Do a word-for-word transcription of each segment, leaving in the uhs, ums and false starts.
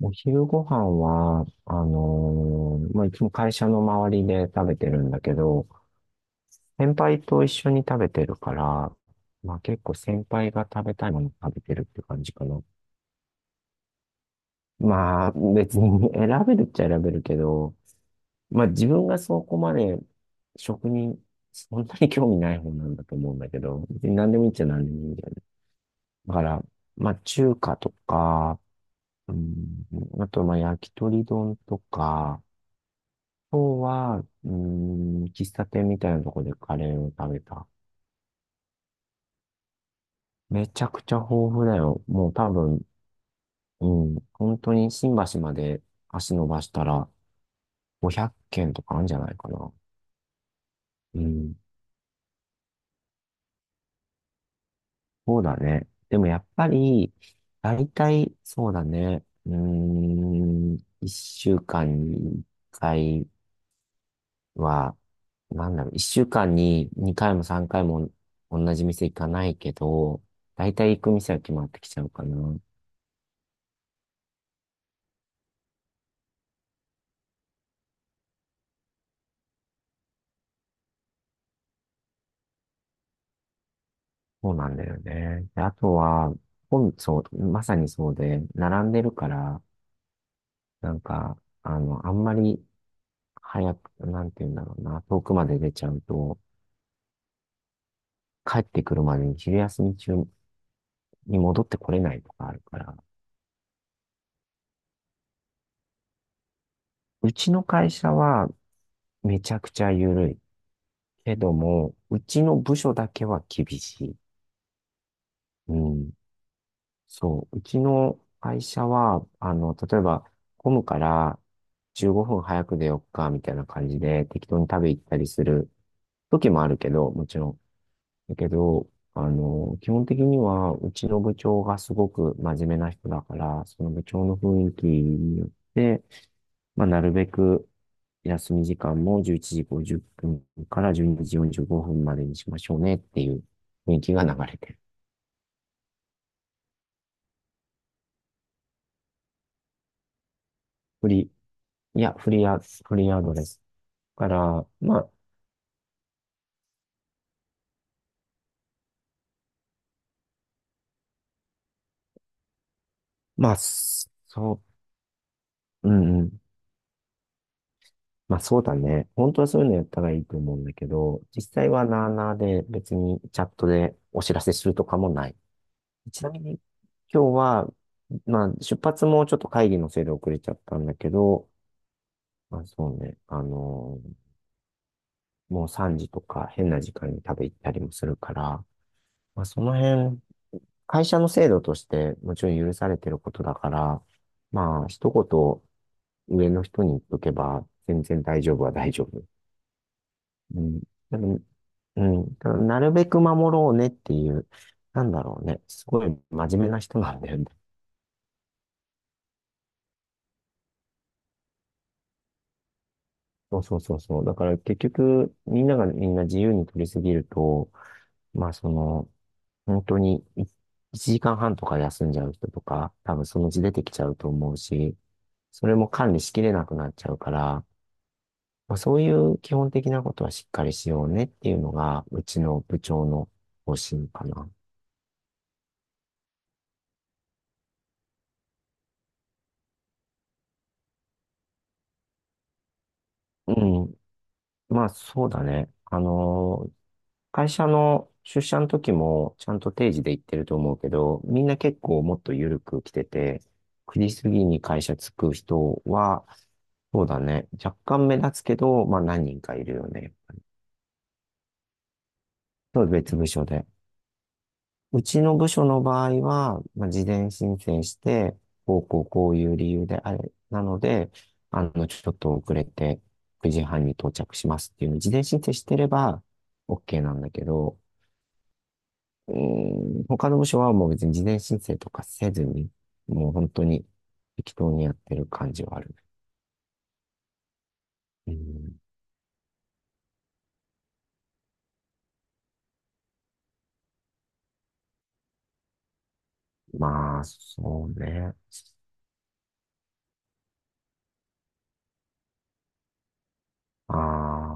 お昼ご飯は、あのーまあ、いつも会社の周りで食べてるんだけど、先輩と一緒に食べてるから、まあ、結構先輩が食べたいもの食べてるって感じかな。まあ、別に 選べるっちゃ選べるけど、まあ、自分がそこまで食に、そんなに興味ない方なんだと思うんだけど、別に何でもいいっちゃ何でもいいんだよね。だから、まあ、中華とか、うん、あと、まあ、焼き鳥丼とか、今日は、うーん、喫茶店みたいなとこでカレーを食べた。めちゃくちゃ豊富だよ。もう多分、うん、本当に新橋まで足伸ばしたらごひゃっけん軒とかあるんじゃないかな。うん、そうだね。でもやっぱり、大体、そうだね。うーん、いっしゅうかんにいっかいは、なんだろう、いっしゅうかんににかいもさんかいも同じ店行かないけど、大体行く店は決まってきちゃうかな。そうなんだよね。であとは、本、そう、まさにそうで、並んでるから、なんか、あの、あんまり早く、なんて言うんだろうな、遠くまで出ちゃうと、帰ってくるまでに昼休み中に戻ってこれないとかあるから、うちの会社はめちゃくちゃ緩い。けども、うちの部署だけは厳しい。うん。そう、うちの会社は、あの、例えば、混むからじゅうごふん早く出よっか、みたいな感じで、適当に食べ行ったりする時もあるけど、もちろん。だけど、あの、基本的には、うちの部長がすごく真面目な人だから、その部長の雰囲気によって、まあ、なるべく休み時間もじゅういちじごじゅっぷんからじゅうにじよんじゅうごふんまでにしましょうねっていう雰囲気が流れてる。フリー、いや、フリーア、フリーアドレスから、まあ、まあ、そう、うんうん。まあそうだね。本当はそういうのやったらいいと思うんだけど、実際はなあなあで別にチャットでお知らせするとかもない。ちなみに今日は、まあ出発もちょっと会議のせいで遅れちゃったんだけど、まあそうね、あのーもうさんじとか変な時間に食べ行ったりもするから、まあその辺会社の制度としてもちろん許されてることだから、まあ、一言上の人に言っとけば、全然大丈夫は大丈夫。うん。でも、うん。ただなるべく守ろうねっていう、なんだろうね。すごい真面目な人なんだよね。そうそうそうそう。だから結局、みんながみんな自由に取りすぎると、まあその、本当にいいちじかんはんとか休んじゃう人とか、多分そのうち出てきちゃうと思うし、それも管理しきれなくなっちゃうから、まあ、そういう基本的なことはしっかりしようねっていうのが、うちの部長の方針かな。うん。まあそうだね。あの会社の出社の時もちゃんと定時で行ってると思うけど、みんな結構もっと緩く来てて、くじ過ぎに会社着く人は、そうだね、若干目立つけど、まあ何人かいるよね。そう別部署で。うちの部署の場合は、まあ、事前申請して、こうこうこういう理由であれ、なので、あの、ちょっと遅れてくじはんに到着しますっていうのを事前申請してれば OK なんだけど、うーん、他の部署はもう別に事前申請とかせずに、もう本当に適当にやってる感じはある。うん、まあ、そうね。あ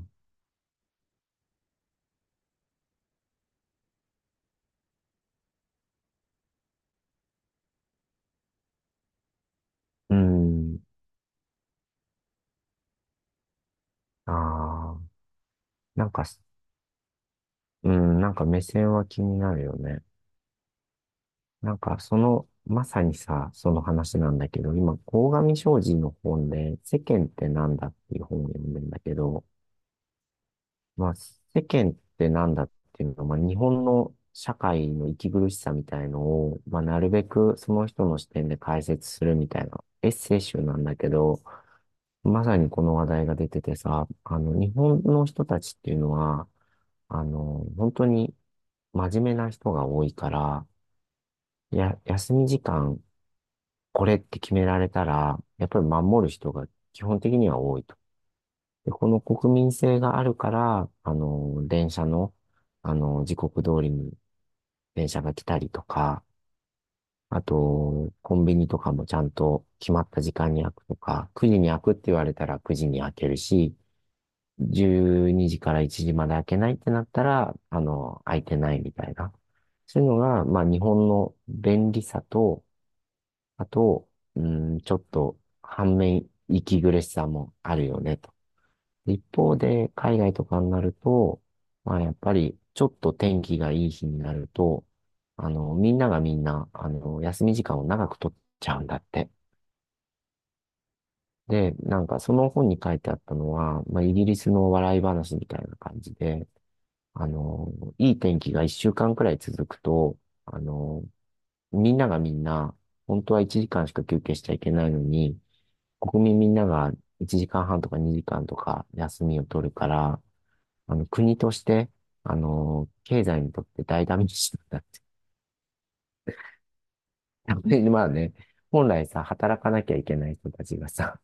あ、うん、ああ、なんか、うん、なんか目線は気になるよね。なんかその、まさにさ、その話なんだけど、今、鴻上尚史の本で、世間ってなんだっていう本を読んでんだけど、まあ、世間ってなんだっていうのは、まあ、日本の社会の息苦しさみたいのを、まあ、なるべくその人の視点で解説するみたいなエッセイ集なんだけど、まさにこの話題が出ててさ、あの、日本の人たちっていうのは、あの、本当に真面目な人が多いから、いや、休み時間、これって決められたら、やっぱり守る人が基本的には多いと。で、この国民性があるから、あの、電車の、あの、時刻通りに電車が来たりとか、あと、コンビニとかもちゃんと決まった時間に開くとか、くじに開くって言われたらくじに開けるし、じゅうにじからいちじまで開けないってなったら、あの、開いてないみたいな。そういうのが、まあ、日本の便利さと、あと、うん、ちょっと、反面、息苦しさもあるよね。一方で、海外とかになると、まあやっぱり、ちょっと天気がいい日になると、あの、みんながみんな、あの、休み時間を長く取っちゃうんだって。で、なんかその本に書いてあったのは、まあイギリスの笑い話みたいな感じで、あの、いい天気が一週間くらい続くと、あの、みんながみんな、本当はいちじかんしか休憩しちゃいけないのに、国民みんながいちじかんはんとかにじかんとか休みを取るから、あの、国として、あの、経済にとって大ダメージなんだって。やっぱりまあね、本来さ、働かなきゃいけない人たちがさ、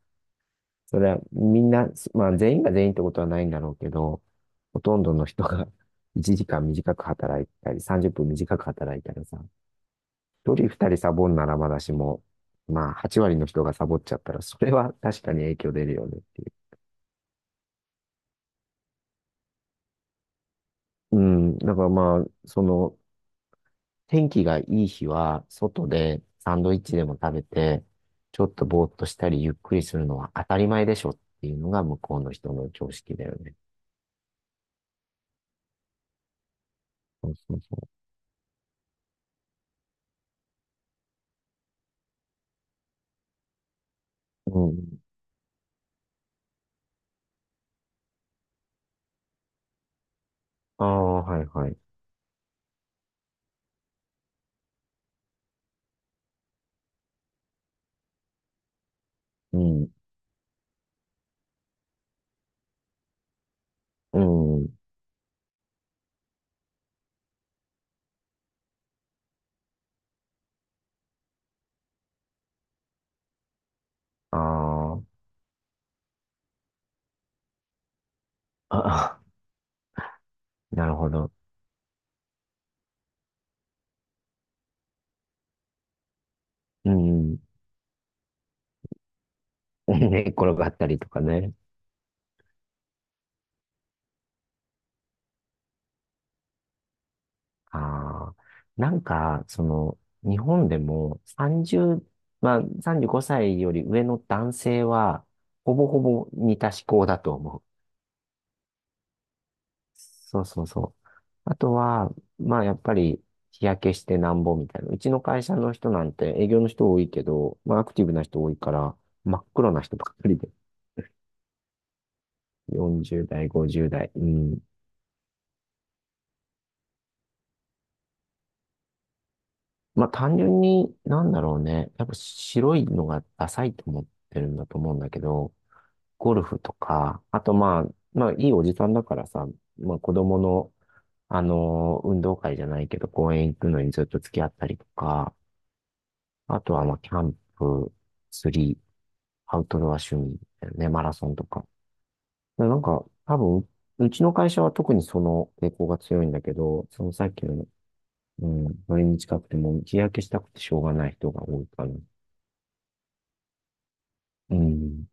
それはみんな、まあ全員が全員ってことはないんだろうけど、ほとんどの人が いちじかん短く働いたり、さんじゅっぷん短く働いたらさ、ひとりふたりサボんならまだしも、まあはち割の人がサボっちゃったら、それは確かに影響出るよねっていう。うん、だからまあ、その、天気がいい日は、外でサンドイッチでも食べて、ちょっとぼーっとしたりゆっくりするのは当たり前でしょっていうのが向こうの人の常識だよね。そうそうそう。うん。ああ、はいはい。うん、うん、あー あ、なるほど。うん、寝っ転がったりとかね。ああ、なんか、その、日本でも30、まあ、さんじゅうごさいより上の男性は、ほぼほぼ似た思考だと思う。そうそうそう。あとは、まあ、やっぱり、日焼けしてなんぼみたいな。うちの会社の人なんて営業の人多いけど、まあ、アクティブな人多いから、真っ黒な人ばっかりで。よんじゅう代、ごじゅう代。うん。まあ単純に、なんだろうね。やっぱ白いのがダサいと思ってるんだと思うんだけど、ゴルフとか、あとまあ、まあいいおじさんだからさ、まあ子供の、あのー運動会じゃないけど、公園行くのにずっと付き合ったりとか、あとはまあキャンプ、釣り、アウトドア趣味だよね、マラソンとか。でなんか、多分、うちの会社は特にその傾向が強いんだけど、そのさっきのうん、それに近くてもう日焼けしたくてしょうがない人が多いから。うん。